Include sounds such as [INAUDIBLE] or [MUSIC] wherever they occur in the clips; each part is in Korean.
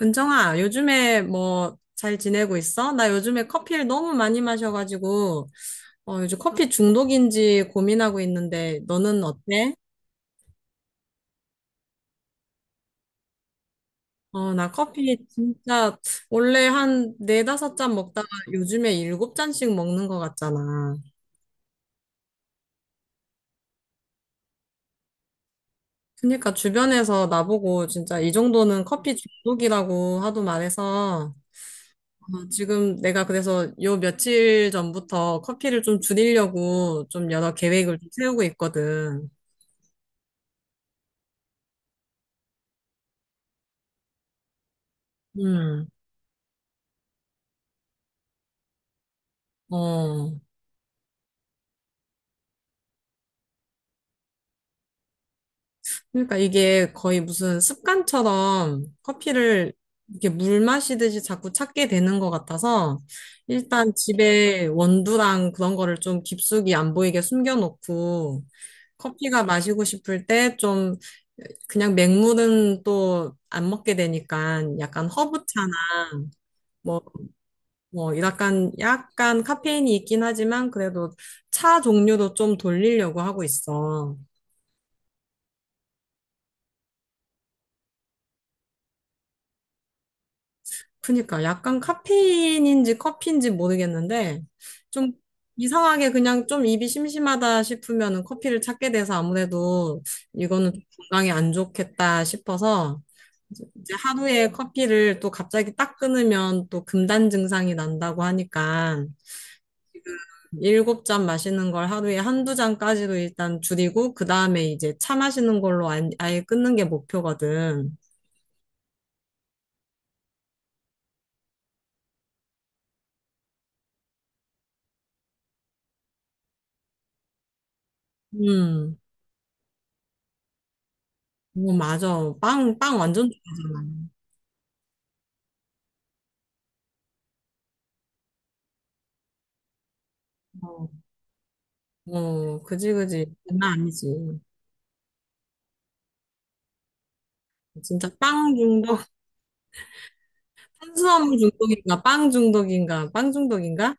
은정아, 요즘에 뭐 잘 지내고 있어? 나 요즘에 커피를 너무 많이 마셔가지고, 요즘 커피 중독인지 고민하고 있는데, 너는 어때? 나 커피 진짜 원래 한 네다섯 잔 먹다가 요즘에 7잔씩 먹는 것 같잖아. 그러니까 주변에서 나보고 진짜 이 정도는 커피 중독이라고 하도 말해서, 지금 내가 그래서 요 며칠 전부터 커피를 좀 줄이려고 좀 여러 계획을 좀 세우고 있거든. 음. 어, 그러니까 이게 거의 무슨 습관처럼 커피를 이렇게 물 마시듯이 자꾸 찾게 되는 것 같아서 일단 집에 원두랑 그런 거를 좀 깊숙이 안 보이게 숨겨놓고 커피가 마시고 싶을 때 좀 그냥 맹물은 또 안 먹게 되니까 약간 허브차나 뭐, 뭐 약간 카페인이 있긴 하지만 그래도 차 종류도 좀 돌리려고 하고 있어. 그니까 약간 카페인인지 커피인지 모르겠는데 좀 이상하게 그냥 좀 입이 심심하다 싶으면은 커피를 찾게 돼서 아무래도 이거는 좀 건강에 안 좋겠다 싶어서 이제 하루에 커피를 또 갑자기 딱 끊으면 또 금단 증상이 난다고 하니까 7잔 마시는 걸 하루에 한두 잔까지로 일단 줄이고 그 다음에 이제 차 마시는 걸로 안- 아예 끊는 게 목표거든. 음, 뭐 맞아. 빵 완전 좋아하잖아. 어. 어, 그지, 그지. 장난 아니지. 진짜 빵 중독, [LAUGHS] 탄수화물 중독인가, 빵 중독인가?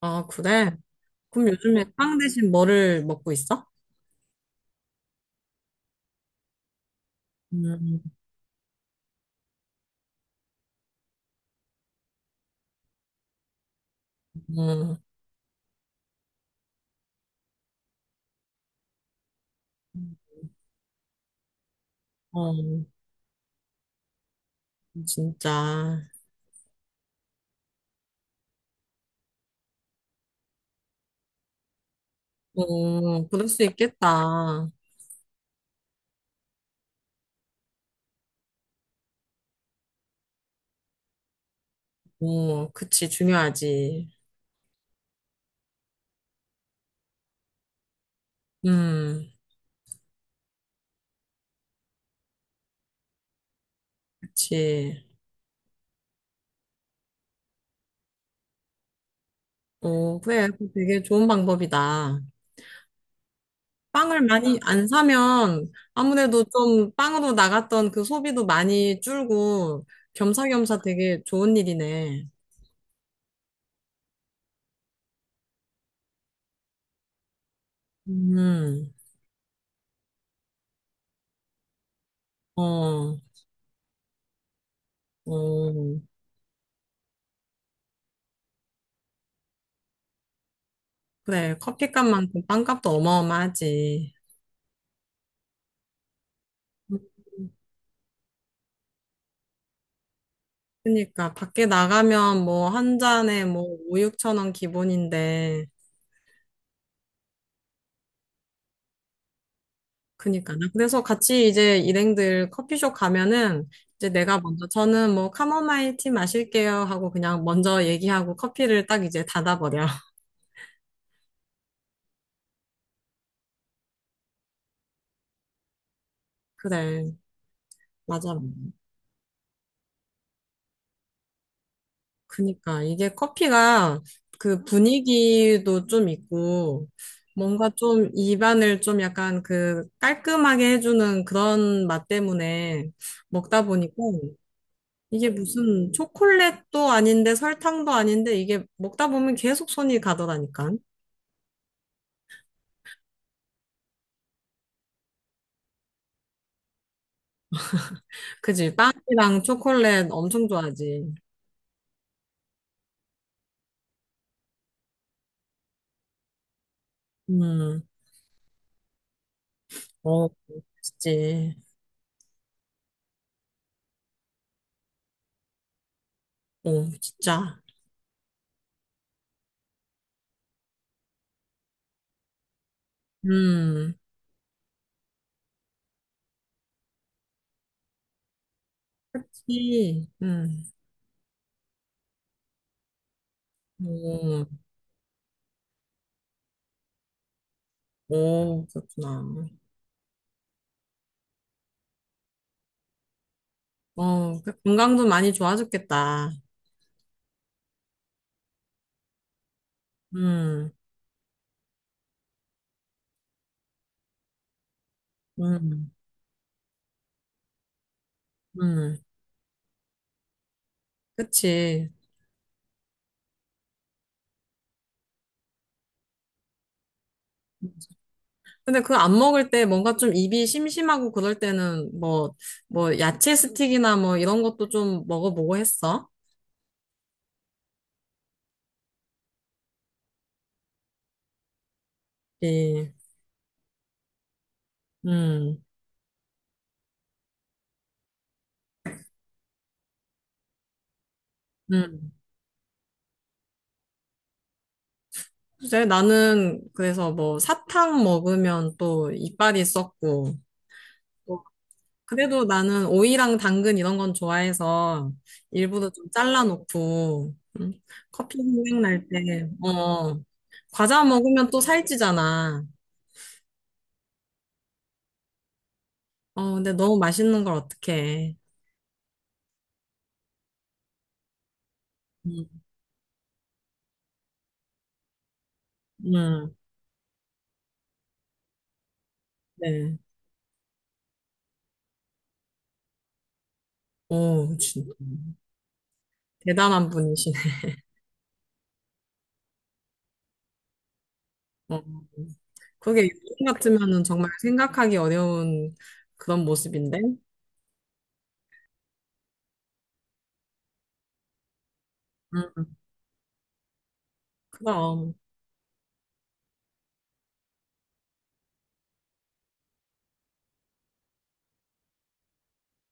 아, 그래? 그럼 요즘에 빵 대신 뭐를 먹고 있어? 음, 음, 어, 진짜. 어, 그럴 수 있겠다. 어, 그치, 중요하지. 음, 그치. 어, 그래. 그거 되게 좋은 방법이다. 빵을 많이 안 사면 아무래도 좀 빵으로 나갔던 그 소비도 많이 줄고 겸사겸사 되게 좋은 일이네. 음, 어, 어, 그래. 커피값만큼 빵값도 어마어마하지. 그니까 밖에 나가면 뭐 한 잔에 뭐 5, 6천 원 기본인데 그니까 나 그래서 같이 이제 일행들 커피숍 가면은 이제 내가 먼저 저는 뭐 카모마일 티 마실게요 하고 그냥 먼저 얘기하고 커피를 딱 이제 닫아버려. 그래, 맞아. 그니까 이게 커피가 그 분위기도 좀 있고 뭔가 좀 입안을 좀 약간 그 깔끔하게 해주는 그런 맛 때문에 먹다 보니까 이게 무슨 초콜릿도 아닌데 설탕도 아닌데 이게 먹다 보면 계속 손이 가더라니까. 그지? 빵이랑 초콜릿 엄청 좋아하지. 음, 어, 그치. 어, 진짜. 음, 그치. 음. 어, 오, 그렇구나. 어, 그 건강도 많이 좋아졌겠다. 음, 음, 음. 그치. 근데 그거 안 먹을 때 뭔가 좀 입이 심심하고 그럴 때는 뭐, 야채 스틱이나 뭐 이런 것도 좀 먹어보고 했어. 예. 음, 음. 글쎄, 나는 그래서 뭐 사탕 먹으면 또 이빨이 썩고, 그래도 나는 오이랑 당근 이런 건 좋아해서 일부러 좀 잘라놓고 커피 생각날 때, 과자 먹으면 또 살찌잖아. 어, 근데 너무 맛있는 걸 어떡해. 음, 음, 네. 오, 진짜 대단한 분이시네. 어, 그게 요즘 같으면은 정말 생각하기 어려운 그런 모습인데. 음, 그럼.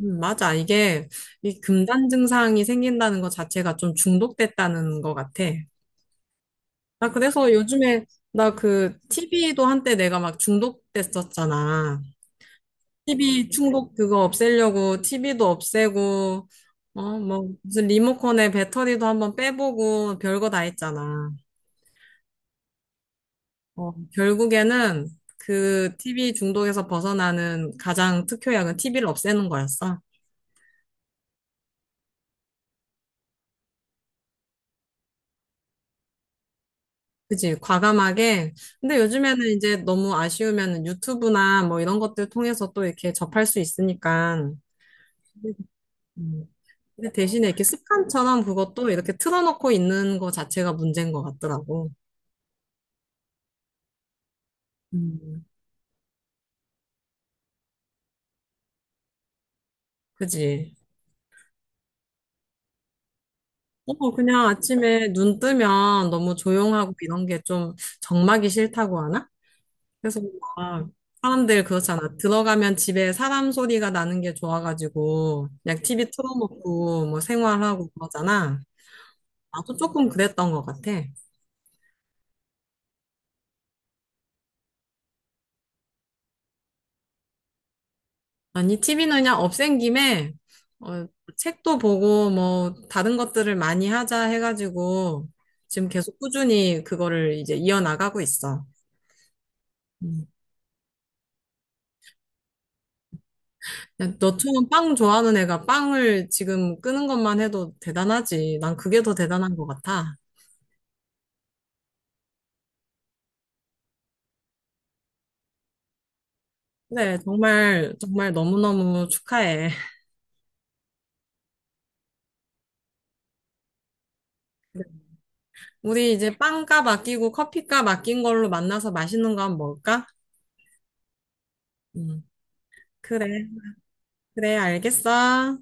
맞아. 이게 이 금단 증상이 생긴다는 것 자체가 좀 중독됐다는 것 같아. 나 그래서 요즘에 나 그 TV도 한때 내가 막 중독됐었잖아. TV 충독 그거 없애려고 TV도 없애고 뭐 무슨 리모컨에 배터리도 한번 빼보고 별거 다 했잖아. 결국에는 그 TV 중독에서 벗어나는 가장 특효약은 TV를 없애는 거였어. 그지, 과감하게. 근데 요즘에는 이제 너무 아쉬우면 유튜브나 뭐 이런 것들 통해서 또 이렇게 접할 수 있으니까. 음. 근데 대신에 이렇게 습관처럼 그것도 이렇게 틀어놓고 있는 거 자체가 문제인 것 같더라고. 음, 그지? 어, 그냥 아침에 눈 뜨면 너무 조용하고 이런 게 좀 적막이 싫다고 하나? 그래서 막 사람들 그렇잖아. 들어가면 집에 사람 소리가 나는 게 좋아가지고 그냥 TV 틀어놓고 뭐 생활하고 그러잖아. 나도 조금 그랬던 것 같아. 아니, 티비 는 그냥 없앤 김에, 어, 책도 보고, 뭐, 다른 것들을 많이 하자 해가지고, 지금 계속 꾸준히 그거를 이제 이어나가고 있어. 음. 야, 너처럼 빵 좋아하는 애가 빵을 지금 끄는 것만 해도 대단하지. 난 그게 더 대단한 것 같아. 네, 정말, 정말 너무너무 축하해. [LAUGHS] 우리 이제 빵값 아끼고 커피값 아낀 걸로 만나서 맛있는 거 한번 먹을까? 음, 그래, 그래, 알겠어.